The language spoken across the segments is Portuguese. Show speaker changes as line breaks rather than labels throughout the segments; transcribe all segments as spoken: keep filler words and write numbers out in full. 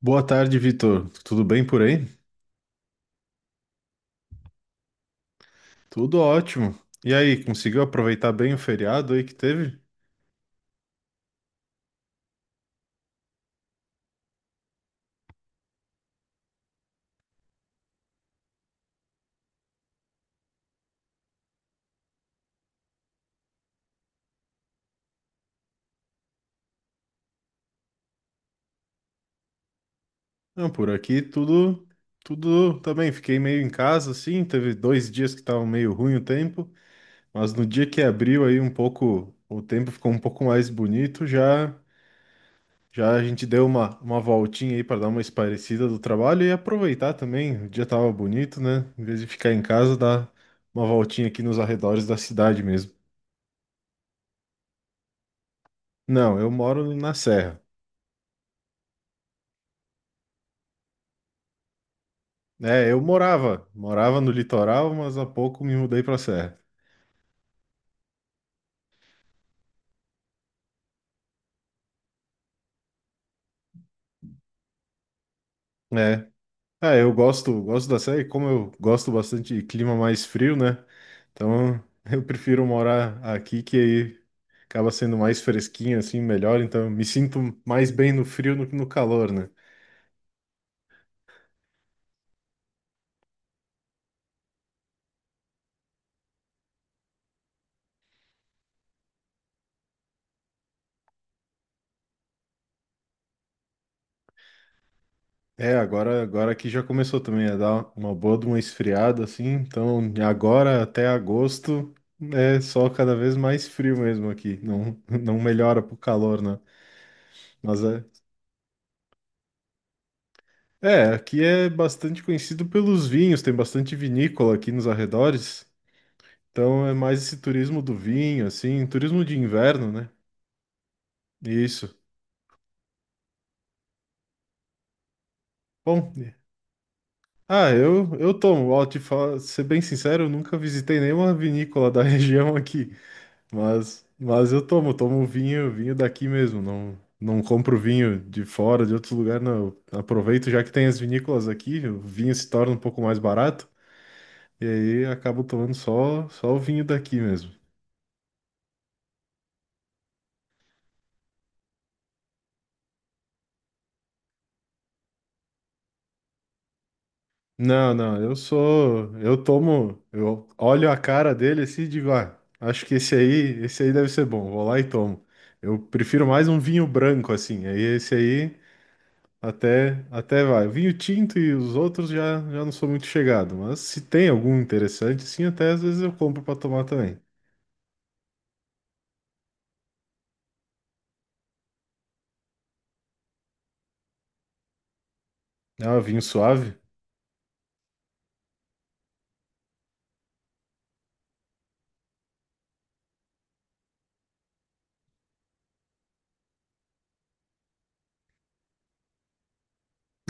Boa tarde, Vitor. Tudo bem por aí? Tudo ótimo. E aí, conseguiu aproveitar bem o feriado aí que teve? Não, por aqui tudo, tudo também. Fiquei meio em casa, assim. Teve dois dias que estavam meio ruim o tempo, mas no dia que abriu aí um pouco, o tempo ficou um pouco mais bonito. Já, já a gente deu uma, uma voltinha aí para dar uma esparecida do trabalho e aproveitar também. O dia tava bonito, né? Em vez de ficar em casa, dar uma voltinha aqui nos arredores da cidade mesmo. Não, eu moro na Serra. É, eu morava, morava no litoral, mas há pouco me mudei pra serra. É. Ah, eu gosto, gosto da serra e como eu gosto bastante de clima mais frio, né? Então, eu prefiro morar aqui que aí acaba sendo mais fresquinho assim, melhor, então eu me sinto mais bem no frio do que no calor, né? É, agora, agora aqui já começou também a dar uma boa de uma esfriada, assim. Então, de agora até agosto é só cada vez mais frio mesmo aqui. Não, não melhora pro calor, né? Mas é. É, aqui é bastante conhecido pelos vinhos, tem bastante vinícola aqui nos arredores. Então é mais esse turismo do vinho, assim, turismo de inverno, né? Isso. Bom, ah, eu, eu tomo, ó, te falar, ser bem sincero, eu nunca visitei nenhuma vinícola da região aqui. Mas, mas eu tomo, tomo vinho, vinho daqui mesmo, não, não compro vinho de fora, de outros lugares, não. Eu aproveito já que tem as vinícolas aqui, o vinho se torna um pouco mais barato, e aí acabo tomando só, só o vinho daqui mesmo. Não, não, eu sou, eu tomo, eu olho a cara dele assim e digo, ah, acho que esse aí, esse aí deve ser bom, vou lá e tomo. Eu prefiro mais um vinho branco assim, aí esse aí. Até, até vai. O vinho tinto e os outros já, já não sou muito chegado, mas se tem algum interessante, sim, até às vezes eu compro para tomar também. Ah, vinho suave?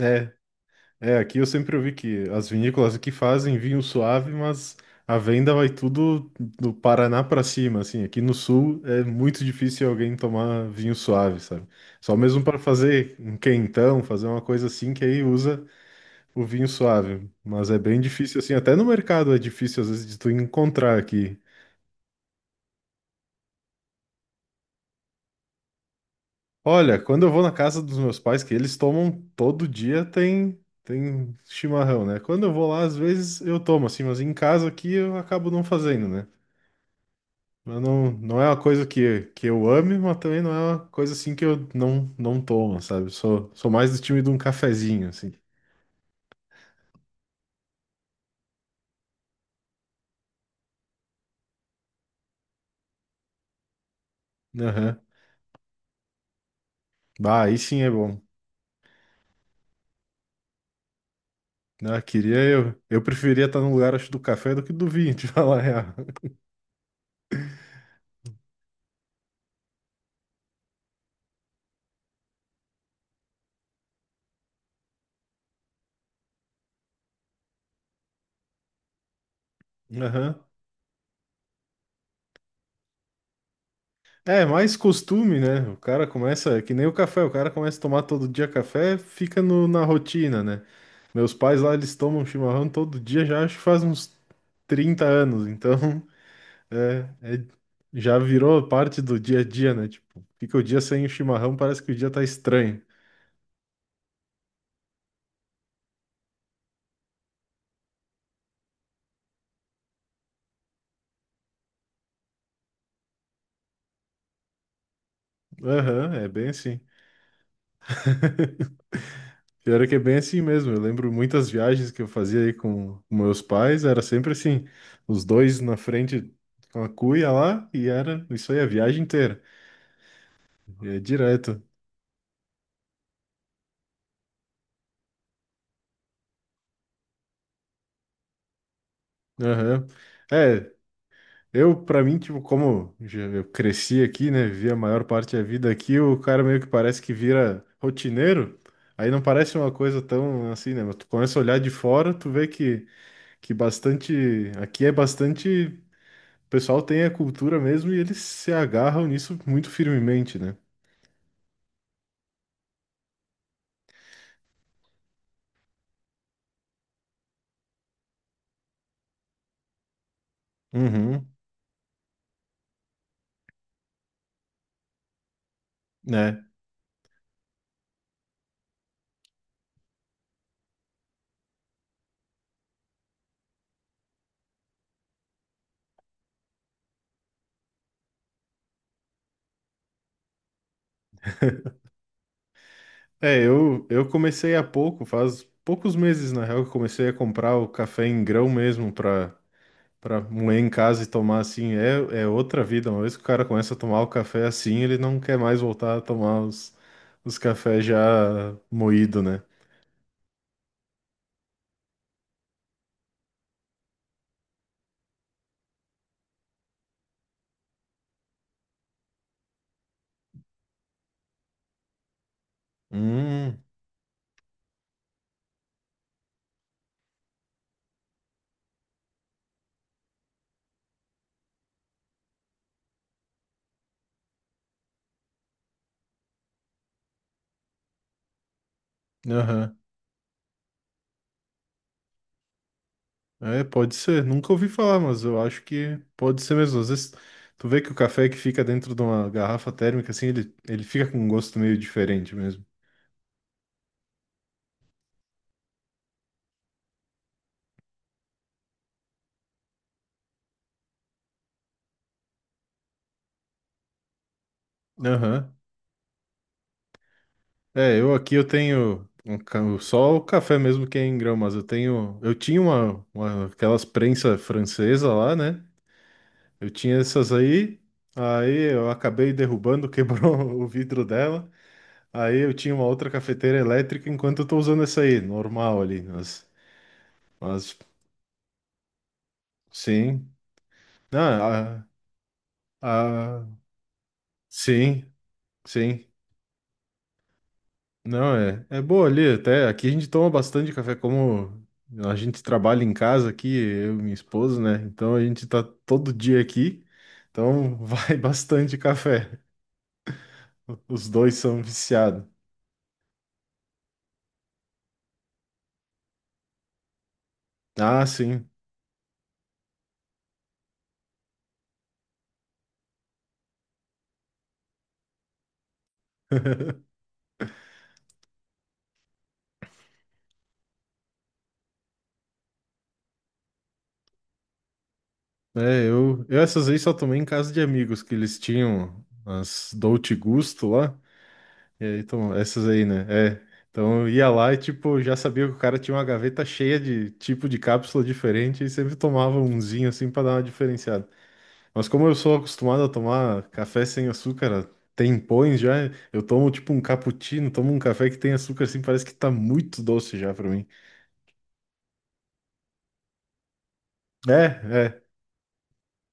É, é, aqui eu sempre ouvi que as vinícolas aqui fazem vinho suave, mas a venda vai tudo do Paraná para cima, assim. Aqui no sul é muito difícil alguém tomar vinho suave, sabe? Só mesmo para fazer um quentão, fazer uma coisa assim, que aí usa o vinho suave. Mas é bem difícil, assim, até no mercado é difícil às vezes de tu encontrar aqui. Olha, quando eu vou na casa dos meus pais, que eles tomam todo dia, tem tem chimarrão, né? Quando eu vou lá, às vezes eu tomo assim, mas em casa aqui eu acabo não fazendo, né? Mas não, não é uma coisa que, que eu ame, mas também não é uma coisa assim que eu não não tomo, sabe? Sou, sou mais do time de um cafezinho, assim. Aham. Bah, aí sim é bom. Ah, queria eu. Eu preferia estar no lugar, acho, do café do que do vinho, te falar a real. Aham. É, mais costume, né? O cara começa, é que nem o café, o cara começa a tomar todo dia café, fica no- na rotina, né? Meus pais lá, eles tomam chimarrão todo dia, já acho que faz uns trinta anos, então é, é- já virou parte do dia a dia, né? Tipo, fica o dia sem o chimarrão, parece que o dia tá estranho. Aham, é bem assim. Pior é que é bem assim mesmo. Eu lembro muitas viagens que eu fazia aí com meus pais, era sempre assim, os dois na frente com a cuia lá, e era isso aí a viagem inteira. E é direto. Aham. É, eu, pra mim, tipo, como já- eu cresci aqui, né, vivi a maior parte da vida aqui, o cara meio que parece que vira rotineiro. Aí não parece uma coisa tão assim, né? Mas tu começa a olhar de fora, tu vê que, que bastante. Aqui é bastante. O pessoal tem a cultura mesmo e eles se agarram nisso muito firmemente, né? Uhum, né? É, eu, eu comecei há pouco, faz poucos meses, na real, que eu comecei a comprar o café em grão mesmo para para moer em casa e tomar assim. É, é outra vida. Uma vez que o cara começa a tomar o café assim, ele não quer mais voltar a tomar os, os cafés já moído, né? Hum, aham. É, pode ser. Nunca ouvi falar, mas eu acho que pode ser mesmo. Às vezes, tu vê que o café que fica dentro de uma garrafa térmica, assim, ele, ele fica com um gosto meio diferente mesmo. Aham. É, eu aqui eu tenho um ca- só o café mesmo que é em grão, mas eu tenho. Eu tinha uma, uma- aquelas prensa francesa lá, né? Eu tinha essas aí, aí eu acabei derrubando, quebrou o vidro dela. Aí eu tinha uma outra cafeteira elétrica enquanto eu tô usando essa aí, normal ali, mas, mas sim. Ah, ah, ah, sim, sim. Não, é, é boa ali, até aqui a gente toma bastante café, como a gente trabalha em casa aqui, eu e minha esposa, né? Então a gente tá todo dia aqui, então vai bastante café. Os dois são viciados. Ah, sim. É, eu, eu essas aí só tomei em casa de amigos, que eles tinham as Dolce Gusto lá. E aí, então, essas aí, né? É. Então eu ia lá e, tipo, já sabia que o cara tinha uma gaveta cheia de tipo de cápsula diferente e sempre tomava umzinho assim pra dar uma diferenciada. Mas como eu sou acostumado a tomar café sem açúcar, tem pões já, eu tomo tipo um cappuccino, tomo um café que tem açúcar assim, parece que tá muito doce já pra mim. É, é,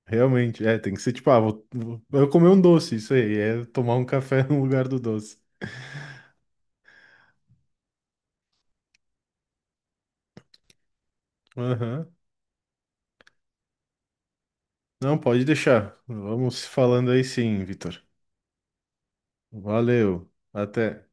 realmente, é, tem que ser tipo, ah, vou, vou eu comer um doce, isso aí, é tomar um café no lugar do doce. Aham. Não, pode deixar. Vamos falando aí sim, Vitor. Valeu. Até.